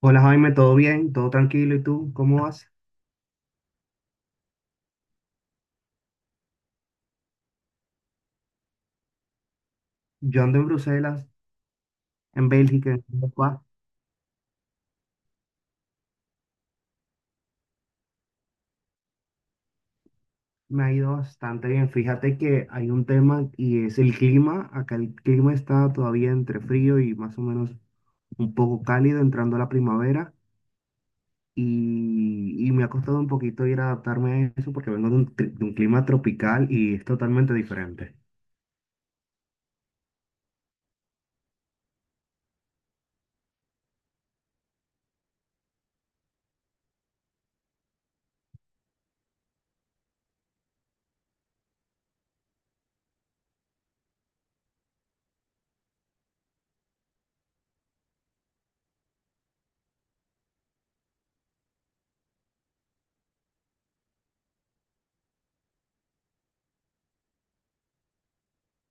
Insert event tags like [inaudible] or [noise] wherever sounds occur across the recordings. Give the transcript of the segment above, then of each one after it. Hola Jaime, ¿todo bien? ¿Todo tranquilo? ¿Y tú? ¿Cómo vas? Yo ando en Bruselas, en Bélgica, en Europa. Me ha ido bastante bien. Fíjate que hay un tema y es el clima. Acá el clima está todavía entre frío y más o menos un poco cálido entrando a la primavera. Y me ha costado un poquito ir a adaptarme a eso porque vengo de un, de un clima tropical y es totalmente diferente.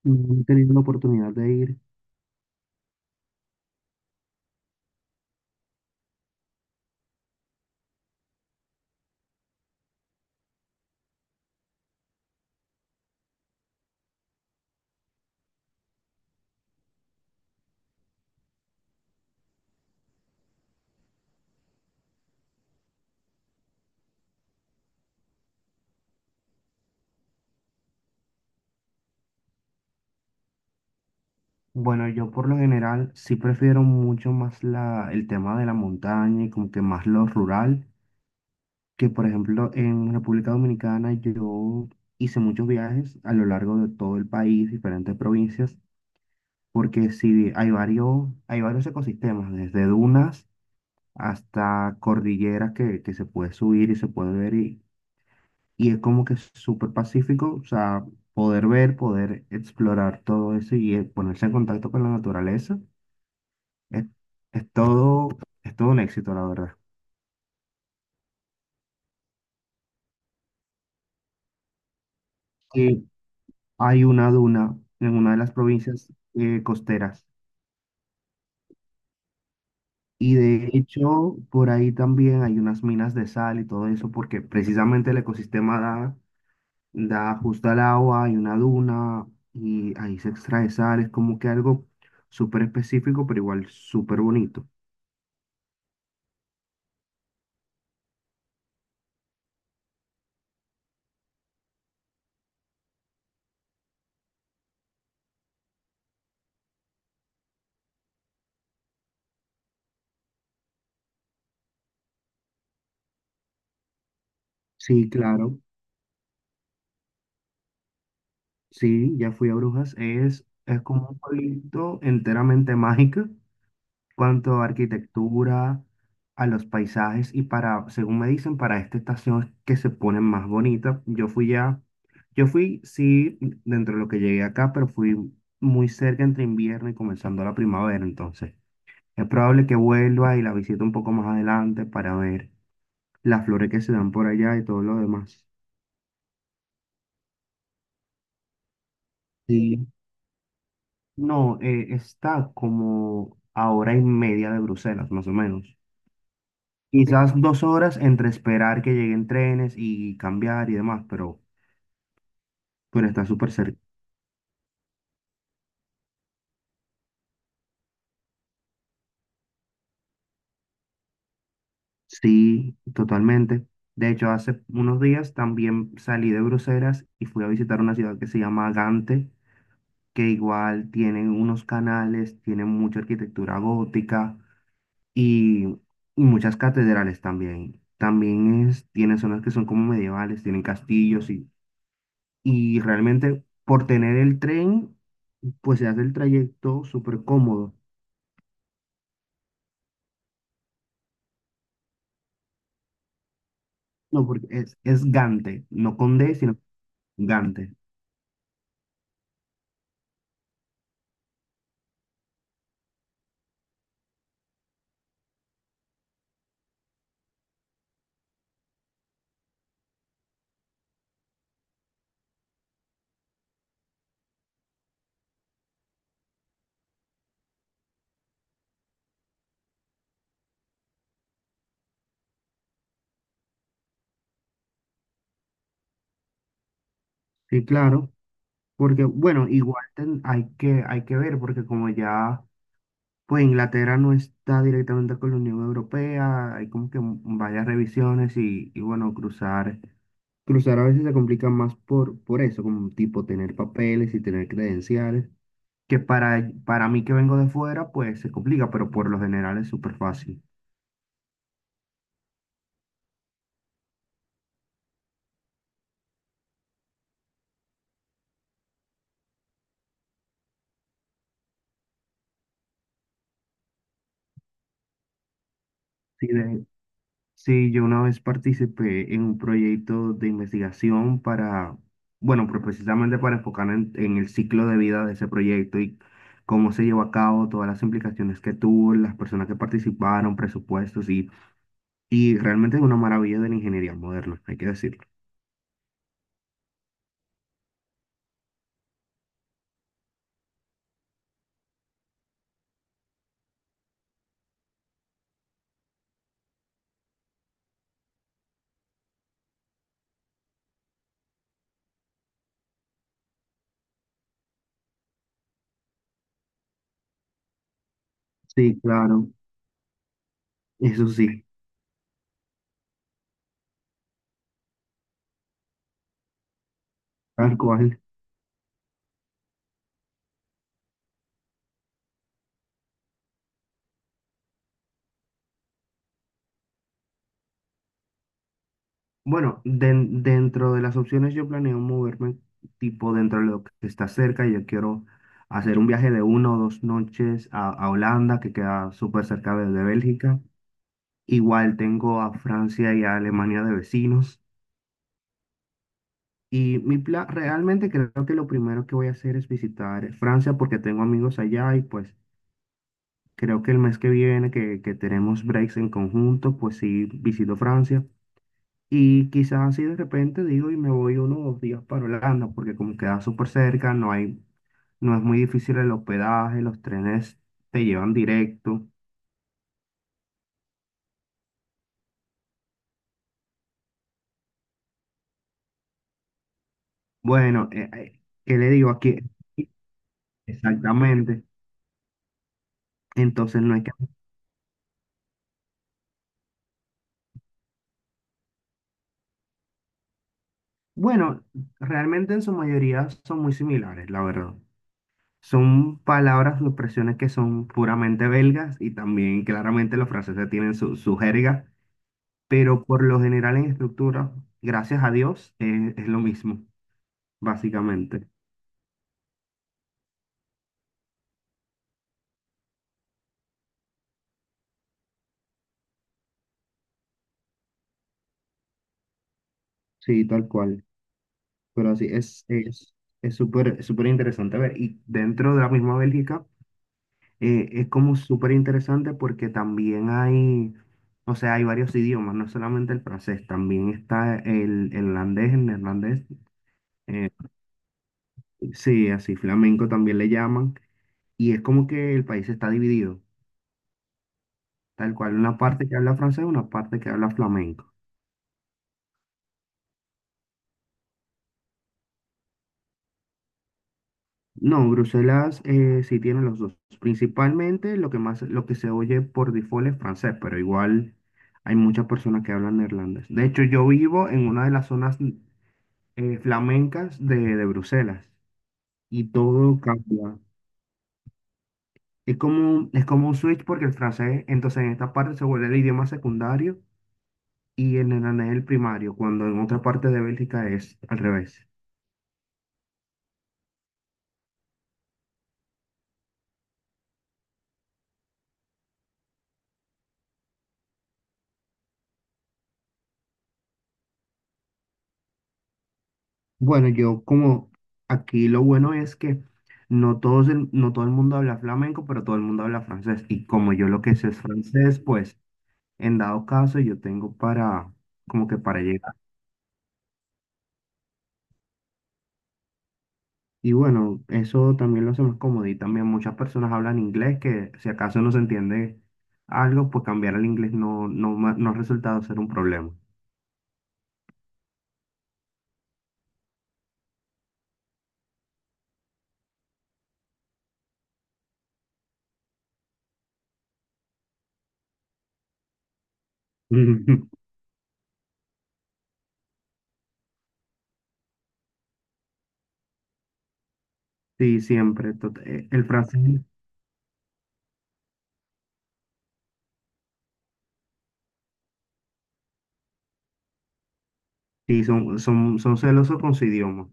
No he tenido la oportunidad de ir. Bueno, yo por lo general sí prefiero mucho más la, el tema de la montaña y como que más lo rural, que por ejemplo en República Dominicana yo hice muchos viajes a lo largo de todo el país, diferentes provincias, porque sí hay varios ecosistemas, desde dunas hasta cordilleras que se puede subir y se puede ver, y es como que súper pacífico. O sea, poder ver, poder explorar todo eso y ponerse en contacto con la naturaleza. Es, es todo, es todo un éxito, la verdad. Que hay una duna en una de las provincias costeras. Y de hecho, por ahí también hay unas minas de sal y todo eso, porque precisamente el ecosistema da, da justo al agua, hay una duna y ahí se extrae sal. Es como que algo súper específico, pero igual súper bonito. Sí, claro. Sí, ya fui a Brujas. Es como un pueblito enteramente mágico. Cuanto a arquitectura, a los paisajes y para, según me dicen, para esta estación es que se ponen más bonitas. Yo fui ya, yo fui, sí, dentro de lo que llegué acá, pero fui muy cerca entre invierno y comenzando la primavera, entonces es probable que vuelva y la visite un poco más adelante para ver las flores que se dan por allá y todo lo demás. Sí. No, está como a hora y media de Bruselas, más o menos. Quizás dos horas entre esperar que lleguen trenes y cambiar y demás, pero está súper cerca. Sí, totalmente. De hecho, hace unos días también salí de Bruselas y fui a visitar una ciudad que se llama Gante, que igual tienen unos canales, tienen mucha arquitectura gótica y, y muchas catedrales también. También es, tiene zonas que son como medievales, tienen castillos y realmente por tener el tren, pues se hace el trayecto súper cómodo. No, porque es Gante, no con D, sino Gante. Sí, claro, porque bueno, igual hay que ver, porque como ya, pues Inglaterra no está directamente con la Unión Europea, hay como que varias revisiones y bueno, cruzar, cruzar a veces se complica más por eso, como tipo tener papeles y tener credenciales. Que para mí que vengo de fuera, pues se complica, pero por lo general es súper fácil. Sí, de- sí, yo una vez participé en un proyecto de investigación para, bueno, pues precisamente para enfocar en el ciclo de vida de ese proyecto y cómo se llevó a cabo, todas las implicaciones que tuvo, las personas que participaron, presupuestos, y realmente es una maravilla de la ingeniería moderna, hay que decirlo. Sí, claro, eso sí, tal cual. Bueno, dentro de las opciones yo planeo moverme tipo dentro de lo que está cerca. Yo quiero hacer un viaje de una o dos noches a Holanda, que queda súper cerca de Bélgica. Igual tengo a Francia y a Alemania de vecinos. Y mi plan, realmente creo que lo primero que voy a hacer es visitar Francia porque tengo amigos allá y pues creo que el mes que viene que tenemos breaks en conjunto, pues sí visito Francia. Y quizás así de repente digo y me voy unos dos días para Holanda, porque como queda súper cerca, no hay, no es muy difícil el hospedaje, los trenes te llevan directo. Bueno, ¿qué le digo aquí? Exactamente. Entonces no hay que... Bueno, realmente en su mayoría son muy similares, la verdad. Son palabras o expresiones que son puramente belgas y también claramente los franceses tienen su, su jerga, pero por lo general en estructura, gracias a Dios, es lo mismo, básicamente. Sí, tal cual. Pero así es, es súper, súper interesante ver. Y dentro de la misma Bélgica, es como súper interesante porque también hay, o sea, hay varios idiomas, no solamente el francés, también está el holandés, el neerlandés. eh, sí, así flamenco también le llaman. Y es como que el país está dividido, tal cual, una parte que habla francés, una parte que habla flamenco. No, Bruselas sí tiene los dos. Principalmente lo que más, lo que se oye por default es francés, pero igual hay muchas personas que hablan neerlandés. De hecho, yo vivo en una de las zonas flamencas de Bruselas y todo cambia. Es como, es como un switch porque el francés, entonces en esta parte se vuelve el idioma secundario y el neerlandés el primario, cuando en otra parte de Bélgica es al revés. Bueno, yo como aquí lo bueno es que no todo el mundo habla flamenco, pero todo el mundo habla francés. Y como yo lo que sé es francés, pues en dado caso yo tengo para, como que para llegar. Y bueno, eso también lo hace más cómodo. Y también muchas personas hablan inglés que si acaso no se entiende algo, pues cambiar al inglés no ha resultado ser un problema. [laughs] Sí, siempre. El francés, sí, son celosos con su idioma.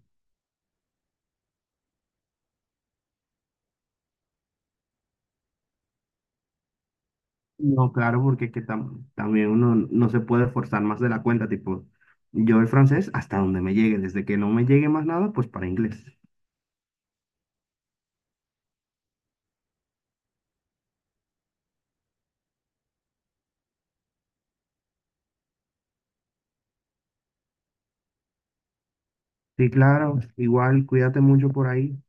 No, claro, porque es que también uno no se puede forzar más de la cuenta, tipo, yo el francés hasta donde me llegue, desde que no me llegue más nada, pues para inglés. Sí, claro, igual, cuídate mucho por ahí.